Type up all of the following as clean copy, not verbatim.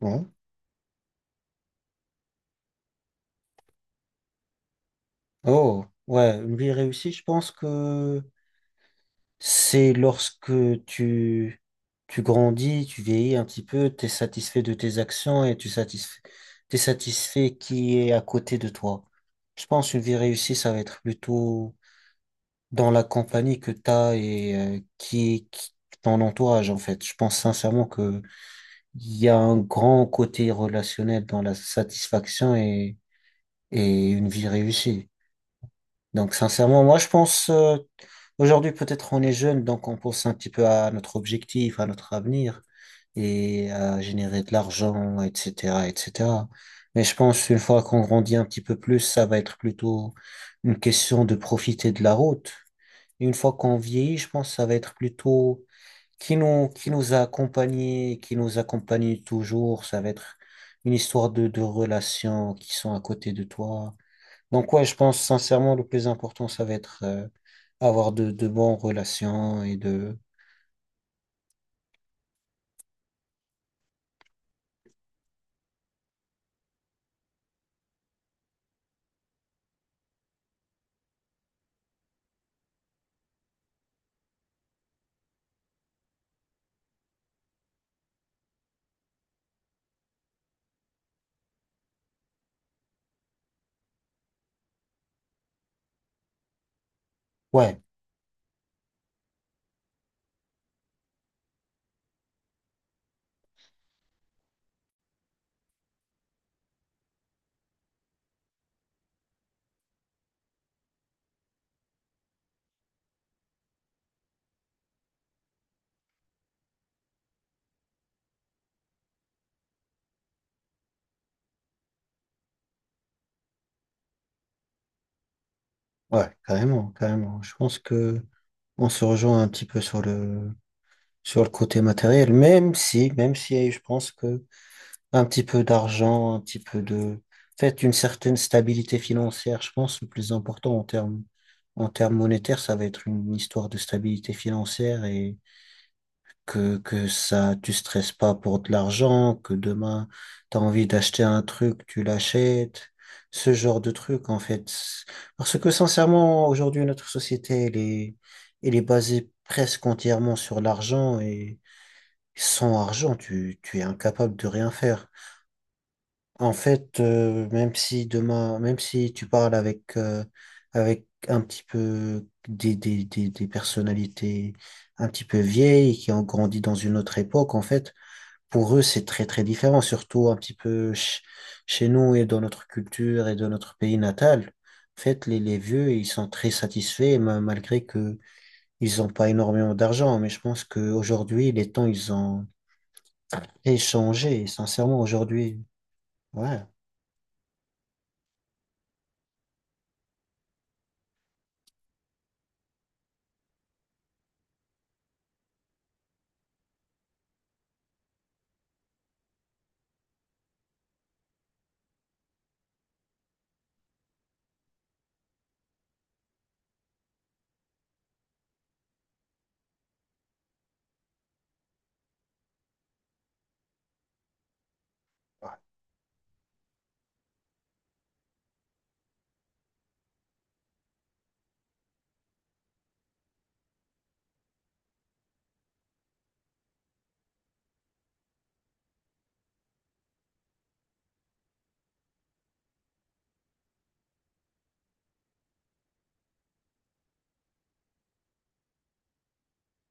Ouais. Oh, ouais, une vie réussie, je pense que c'est lorsque tu, tu grandis, tu vieillis un petit peu, tu es satisfait de tes actions et t'es satisfait qui est à côté de toi. Je pense une vie réussie, ça va être plutôt dans la compagnie que tu as et qui ton entourage, en fait. Je pense sincèrement que il y a un grand côté relationnel dans la satisfaction et une vie réussie. Donc, sincèrement, moi, je pense, aujourd'hui, peut-être on est jeune, donc on pense un petit peu à notre objectif, à notre avenir et à générer de l'argent, etc., etc. Mais je pense, une fois qu'on grandit un petit peu plus, ça va être plutôt une question de profiter de la route. Et une fois qu'on vieillit, je pense, ça va être plutôt qui nous a accompagnés, qui nous accompagne toujours. Ça va être une histoire de relations qui sont à côté de toi donc, ouais, je pense sincèrement le plus important, ça va être avoir de bonnes relations et de... Ouais, ouais, carrément, carrément. Je pense que on se rejoint un petit peu sur sur le côté matériel, même si je pense que un petit peu d'argent, un petit peu de... En fait, une certaine stabilité financière, je pense, le plus important en en termes monétaires, ça va être une histoire de stabilité financière et que ça, tu stresses pas pour de l'argent, que demain, tu as envie d'acheter un truc, tu l'achètes, ce genre de truc, en fait. Parce que sincèrement, aujourd'hui, notre société, elle est basée presque entièrement sur l'argent et sans argent, tu es incapable de rien faire. En fait, même si demain, même si tu parles avec, avec un petit peu des personnalités un petit peu vieilles qui ont grandi dans une autre époque, en fait, pour eux, c'est très très différent, surtout un petit peu chez nous et dans notre culture et dans notre pays natal. En fait, les vieux, ils sont très satisfaits, malgré que ils n'ont pas énormément d'argent. Mais je pense qu'aujourd'hui, les temps, ils ont échangé. Sincèrement, aujourd'hui, ouais,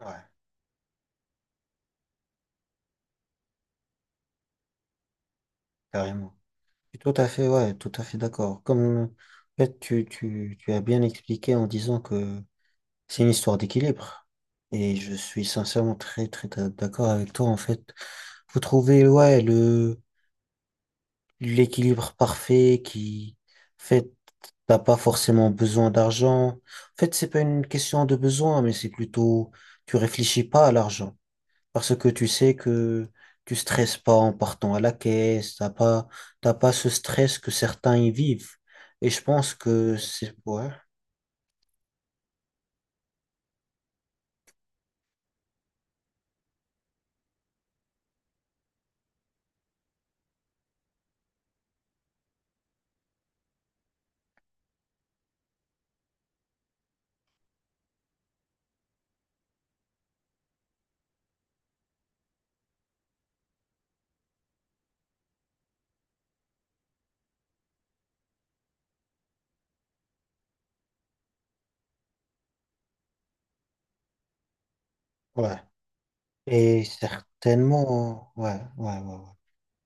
ouais, carrément. Je suis tout à fait, ouais, tout à fait d'accord. Comme en fait, tu as bien expliqué en disant que c'est une histoire d'équilibre. Et je suis sincèrement très, très d'accord avec toi, en fait. Faut trouver, ouais, l'équilibre parfait qui, en fait, t'as pas forcément besoin d'argent. En fait, c'est pas une question de besoin, mais c'est plutôt, tu réfléchis pas à l'argent. Parce que tu sais que tu stresses pas en partant à la caisse, t'as pas ce stress que certains y vivent. Et je pense que c'est, ouais, ouais. Et certainement, ouais, ouais, ouais. Ouais.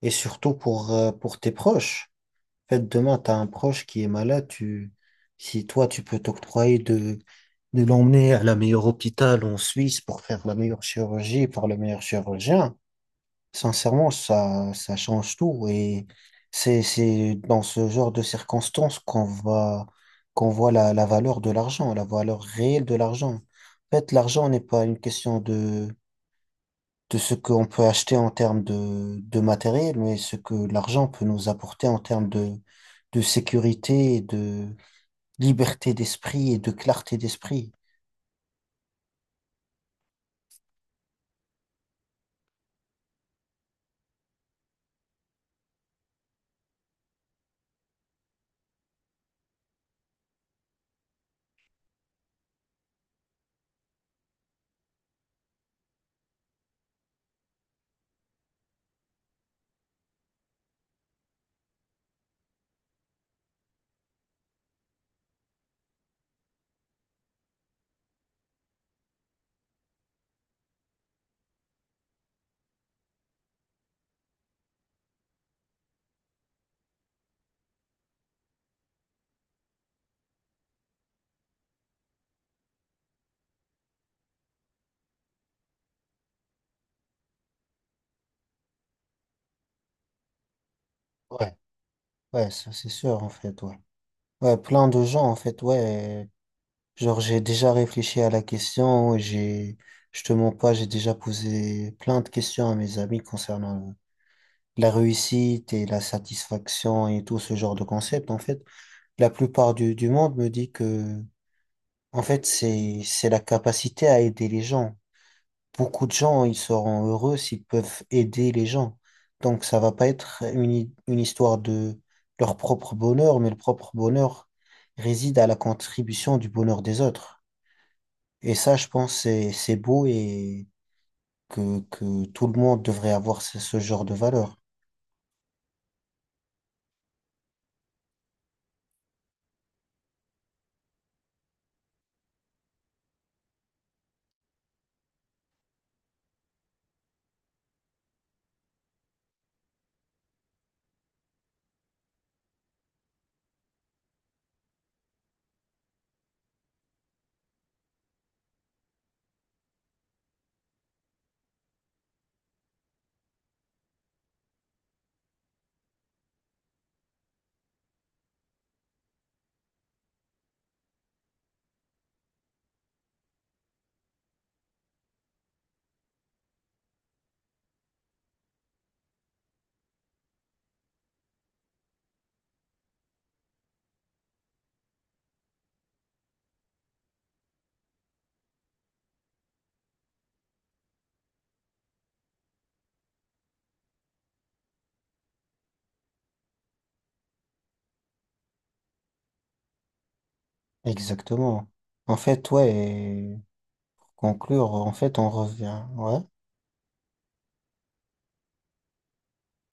Et surtout pour tes proches. En fait, demain, tu as un proche qui est malade, tu, si toi, tu peux t'octroyer de l'emmener à la meilleure hôpital en Suisse pour faire la meilleure chirurgie par le meilleur chirurgien, sincèrement, ça change tout. Et c'est dans ce genre de circonstances qu'on va, qu'on voit la valeur de l'argent, la valeur réelle de l'argent. En fait, l'argent n'est pas une question de ce qu'on peut acheter en termes de matériel, mais ce que l'argent peut nous apporter en termes de sécurité et de liberté d'esprit et de clarté d'esprit. Ouais, ouais, ça c'est sûr en fait, ouais. Ouais, plein de gens en fait, ouais. Genre j'ai déjà réfléchi à la question, je te mens pas, j'ai déjà posé plein de questions à mes amis concernant la réussite et la satisfaction et tout ce genre de concept en fait. La plupart du monde me dit que En fait, c'est la capacité à aider les gens. Beaucoup de gens, ils seront heureux s'ils peuvent aider les gens. Donc, ça va pas être une histoire de leur propre bonheur, mais le propre bonheur réside à la contribution du bonheur des autres. Et ça, je pense, c'est beau et que tout le monde devrait avoir ce genre de valeur. Exactement. En fait, ouais, et pour conclure, en fait, on revient, ouais.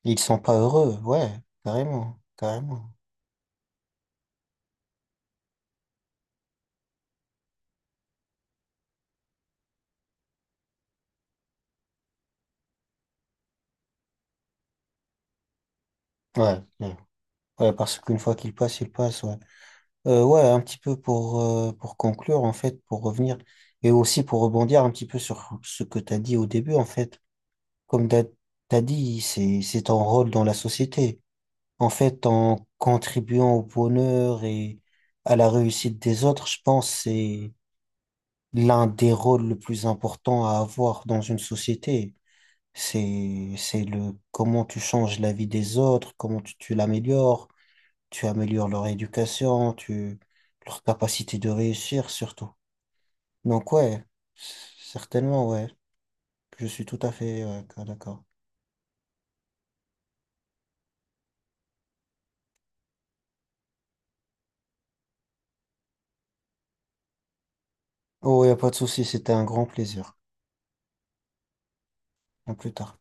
Ils sont pas heureux, ouais, carrément, carrément. Ouais. Ouais. Ouais, parce qu'une fois qu'il passe, il passe, ouais. Ouais, un petit peu pour conclure, en fait, pour revenir, et aussi pour rebondir un petit peu sur ce que tu as dit au début, en fait. Comme tu as dit, c'est ton rôle dans la société. En fait, en contribuant au bonheur et à la réussite des autres, je pense que c'est l'un des rôles le plus important à avoir dans une société. C'est le comment tu changes la vie des autres, comment tu l'améliores tu améliores leur éducation, tu, leur capacité de réussir surtout. Donc ouais, c- certainement ouais, je suis tout à fait ouais, d'accord. Oh, y a pas de souci, c'était un grand plaisir. À plus tard.